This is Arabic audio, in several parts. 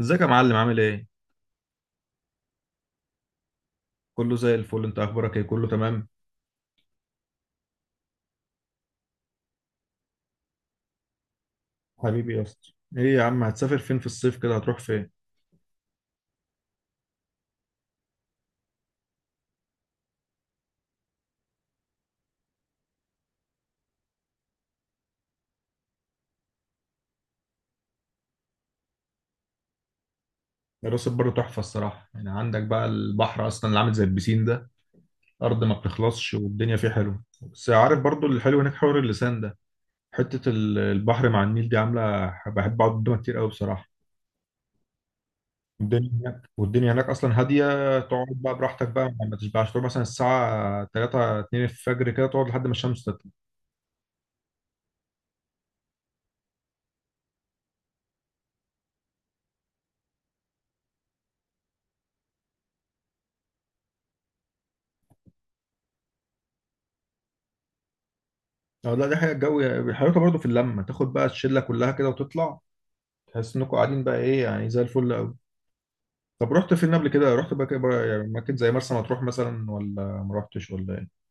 ازيك يا معلم؟ عامل ايه؟ كله زي الفل. انت اخبارك ايه؟ كله تمام؟ حبيبي يا اسطى، ايه يا عم هتسافر فين في الصيف كده؟ هتروح فين؟ راس البر تحفة الصراحة، يعني عندك بقى البحر اصلا اللي عامل زي البسين ده، ارض ما بتخلصش والدنيا فيه حلوة. بس عارف برضو الحلو هناك، حوار اللسان ده، حتة البحر مع النيل دي، عاملة بحب اقعد قدامها كتير قوي بصراحة. الدنيا هناك والدنيا هناك اصلا هادية. تقعد بقى براحتك بقى، ما تشبعش، تقعد مثلا الساعة 3 2 الفجر كده تقعد لحد ما الشمس. اه لا، دي حاجه الجو بيحركها برضه. في اللمه تاخد بقى الشله كلها كده وتطلع، تحس انكم قاعدين بقى ايه يعني، زي الفل قوي. طب رحت فين قبل كده؟ رحت بقى كده بقى، يعني مكان زي مرسى مطروح مثلا، ولا ما رحتش ولا ايه؟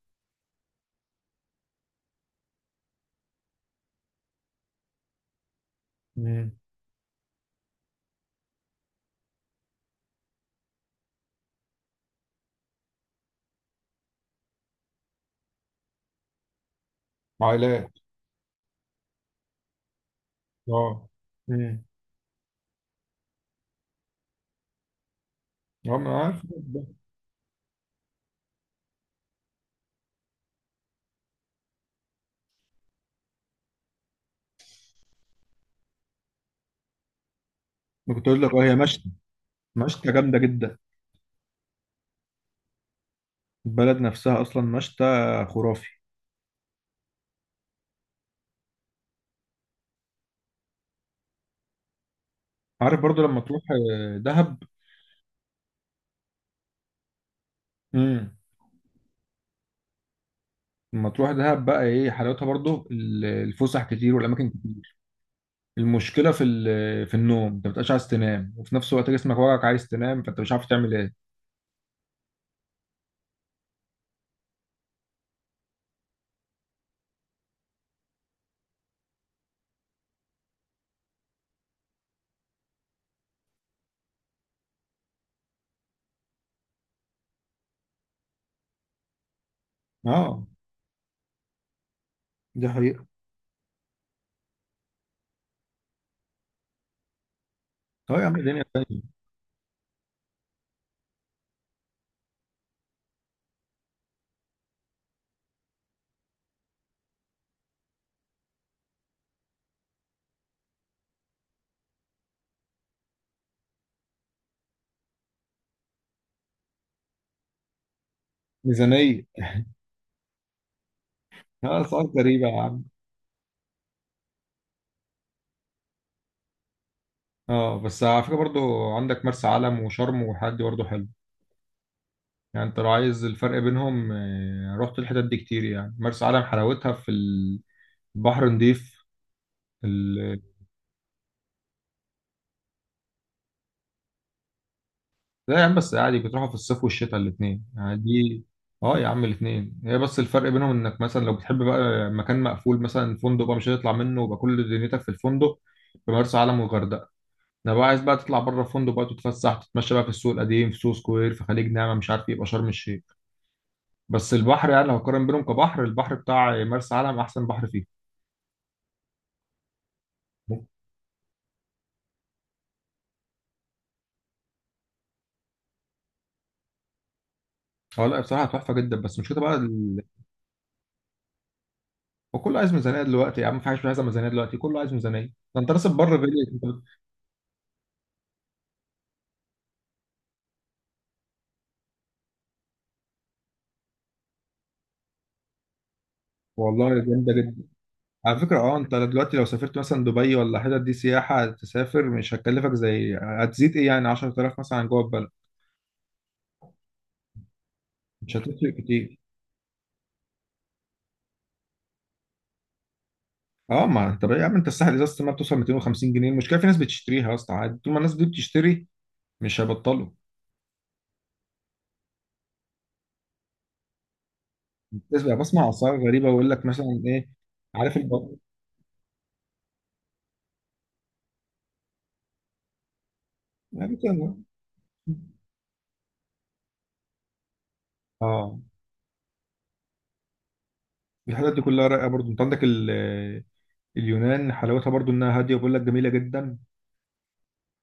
امم. عائلات. اه. امم. اه ما أنا عارف ده. ما كنت اقول لك، اه هي مشتى. مشتى جامده جدا. البلد نفسها اصلا مشتى خرافي. عارف برضو لما تروح دهب. امم. لما تروح دهب بقى، ايه حلاوتها؟ برضو الفسح كتير والاماكن. المشكله في في النوم، انت ما بتبقاش عايز تنام، وفي نفس الوقت جسمك وجعك عايز تنام، فانت مش عارف تعمل ايه. اه، دي حقيقة. اه يا عم الدنيا تانية. ميزانيه. اه، سؤال غريبه يا عم. اه بس على فكره برضو، عندك مرسى علم وشرم والحاجات دي برضو حلو. يعني انت لو عايز الفرق بينهم، رحت الحتت دي كتير، يعني مرسى علم حلاوتها في البحر نضيف. لا يا عم بس عادي، بتروحوا في الصيف والشتاء الاثنين، يعني دي. اه يا عم الاثنين، هي بس الفرق بينهم انك مثلا لو بتحب بقى مكان مقفول، مثلا فندق بقى مش هتطلع منه ويبقى كل دنيتك في الفندق، في مرسى علم والغردقه. انا بقى عايز بقى تطلع بره الفندق بقى، تتفسح تتمشى بقى في السوق القديم، في سوق سكوير، في خليج نعمه، مش عارف ايه، يبقى شرم الشيخ. بس البحر، يعني لو هقارن بينهم كبحر، البحر بتاع مرسى علم احسن بحر فيه. اه لا بصراحه تحفه جدا، بس مشكلة بقى ال... وكله عايز ميزانيه دلوقتي يا عم، في حاجه مش عايزه ميزانيه دلوقتي؟ كله عايز ميزانيه. ده انت راس البر غالي، انت والله جامده جدا. على فكرة اه، انت دلوقتي لو سافرت مثلا دبي ولا حتت دي سياحة تسافر، مش هتكلفك، زي هتزيد ايه يعني 10,000 مثلا عن جوه البلد، مش هتفرق كتير. اه ما انت بقى يا عم، انت الساحل ازازة ما بتوصل 250 جنيه، المشكلة في ناس بتشتريها يا اسطى عادي، طول ما الناس دي بتشتري مش هيبطلوا. بس بقى بسمع اسعار غريبة، ويقول لك مثلا ايه. عارف الب... يعني كده. اه الحاجات دي كلها رايقة، برضو انت عندك ال... اليونان حلاوتها برضو انها هادية، وبيقول لك جميلة جدا.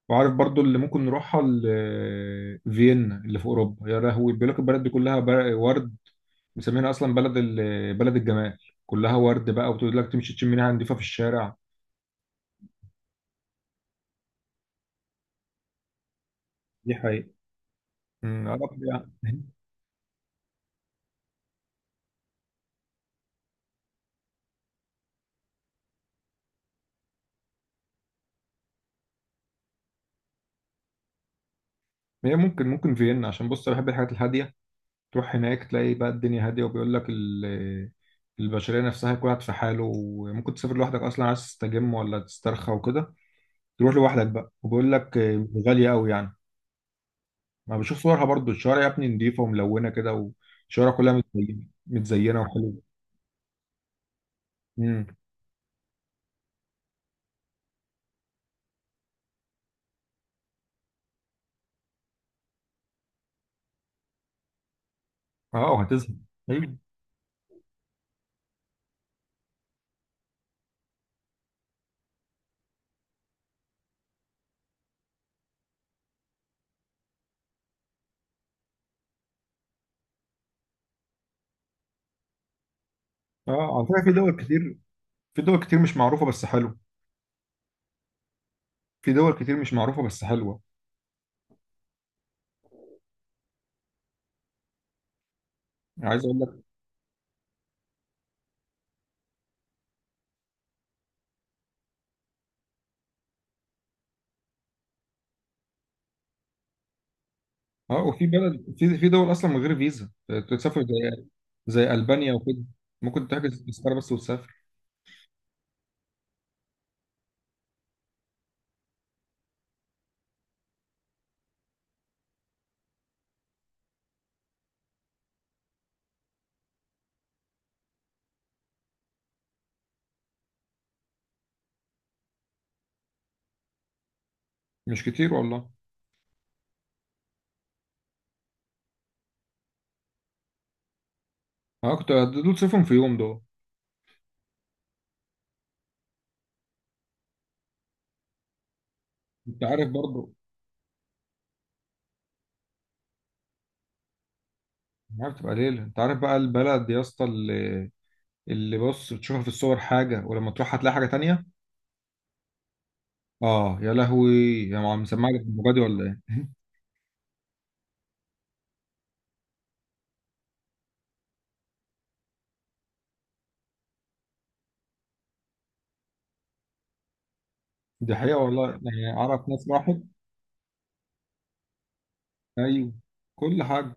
وعارف برضو اللي ممكن نروحها فيينا، اللي في اوروبا، يا لهوي بيقول لك البلد دي كلها ورد. مسمينها اصلا بلد بلد الجمال، كلها ورد بقى، وبتقول لك تمشي تشم ريحه نضيفه في الشارع. دي حقيقة. أمم، أعرف. يعني هي ممكن، فيينا، عشان بص أنا بحب الحاجات الهاديه. تروح هناك تلاقي بقى الدنيا هاديه، وبيقول لك البشريه نفسها كل واحد في حاله. وممكن تسافر لوحدك اصلا، عايز تستجم ولا تسترخى وكده، تروح لوحدك بقى، وبيقول لك غاليه قوي يعني. ما بشوف صورها برضو، الشوارع يا ابني نضيفة وملونة كده، والشوارع كلها متزينة وحلوة. امم. اه وهتزهق. ايوه. اه على فكرة في دول كتير، في دول كتير مش معروفة بس حلوة، في دول كتير مش معروفة بس حلوة، يعني عايز اقول لك. اه وفي بلد، في دول اصلا من غير فيزا، تسافر زي، زي البانيا وكده، ممكن تحجز تذكرة بس وتسافر. مش كتير والله. اه كنت دول تسافرهم في يوم دول. انت عارف برضو، عارف تبقى ليلة. انت عارف بقى البلد يا اسطى، اللي بص بتشوفها في الصور حاجة، ولما تروح هتلاقي حاجة تانية. اه يا لهوي. يا عم مسمع لك المبادئ ولا ايه؟ دي حقيقه والله، يعني اعرف ناس راحت. ايوه، كل حاجه.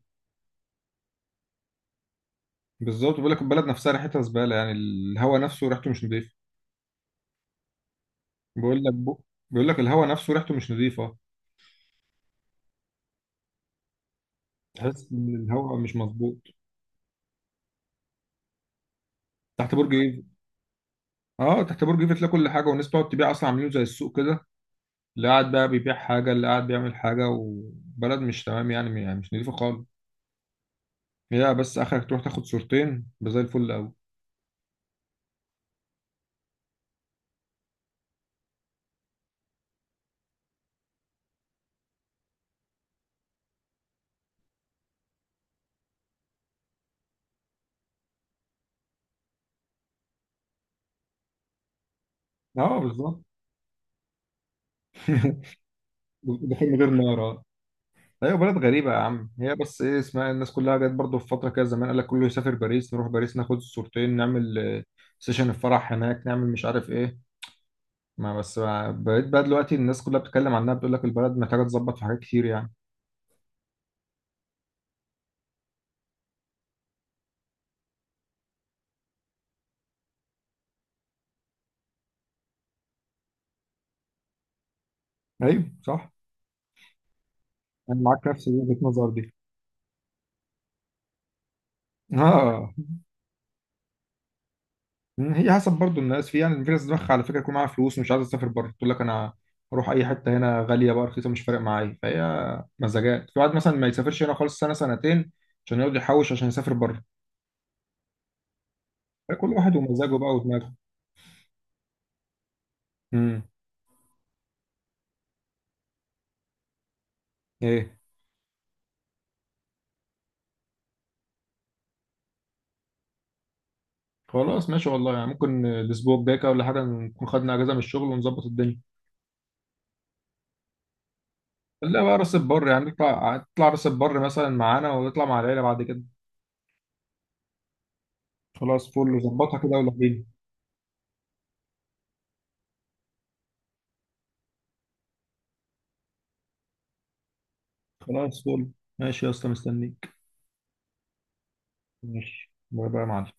بالظبط، بيقول لك البلد نفسها ريحتها زباله، يعني الهواء نفسه ريحته مش نظيفه. بيقول لك بو... بيقول لك الهواء نفسه ريحته مش نظيفه، تحس ان الهواء مش مظبوط. تحت برج ايفل. اه تحت برج ايفل تلاقي كل حاجه، والناس بتقعد تبيع اصلا، عاملين زي السوق كده، اللي قاعد بقى بيبيع حاجه، اللي قاعد بيعمل حاجه، وبلد مش تمام يعني، يعني مش نظيفه خالص. هي بس اخرك تروح تاخد صورتين بزي الفل قوي. اه بالظبط. دخول من غير نار آه. ايوه بلد غريبه يا عم. هي بس ايه اسمها الناس كلها جت برضه في فتره كده زمان، قال لك كله يسافر باريس، نروح باريس ناخد صورتين، نعمل سيشن الفرح هناك، نعمل مش عارف ايه. ما بس بقيت بقى دلوقتي الناس كلها بتتكلم عنها، بتقول لك البلد محتاجه تظبط في حاجات كتير يعني. ايوه صح، انا معاك نفس وجهه النظر دي. اه هي حسب برضو الناس، في يعني في ناس دماغها على فكره يكون معاها فلوس ومش عايزه تسافر بره، تقول لك انا اروح اي حته هنا غاليه بقى رخيصه، مش فارق معايا، فهي مزاجات. في واحد مثلا ما يسافرش هنا خالص سنه سنتين عشان يقعد يحوش عشان يسافر بره. فكل واحد ومزاجه بقى ودماغه. امم. ايه. خلاص ماشي والله، يعني ممكن الاسبوع الجاي كده ولا حاجه نكون خدنا اجازه من الشغل ونظبط الدنيا. خليها بقى راس البر، يعني نطلع، نطلع راس البر مثلا معانا، ونطلع مع العيله بعد كده. خلاص فل، ظبطها كده ولا فين؟ خلاص فل. ماشي يا اسطى، مستنيك. ماشي، باي باي يا معلم.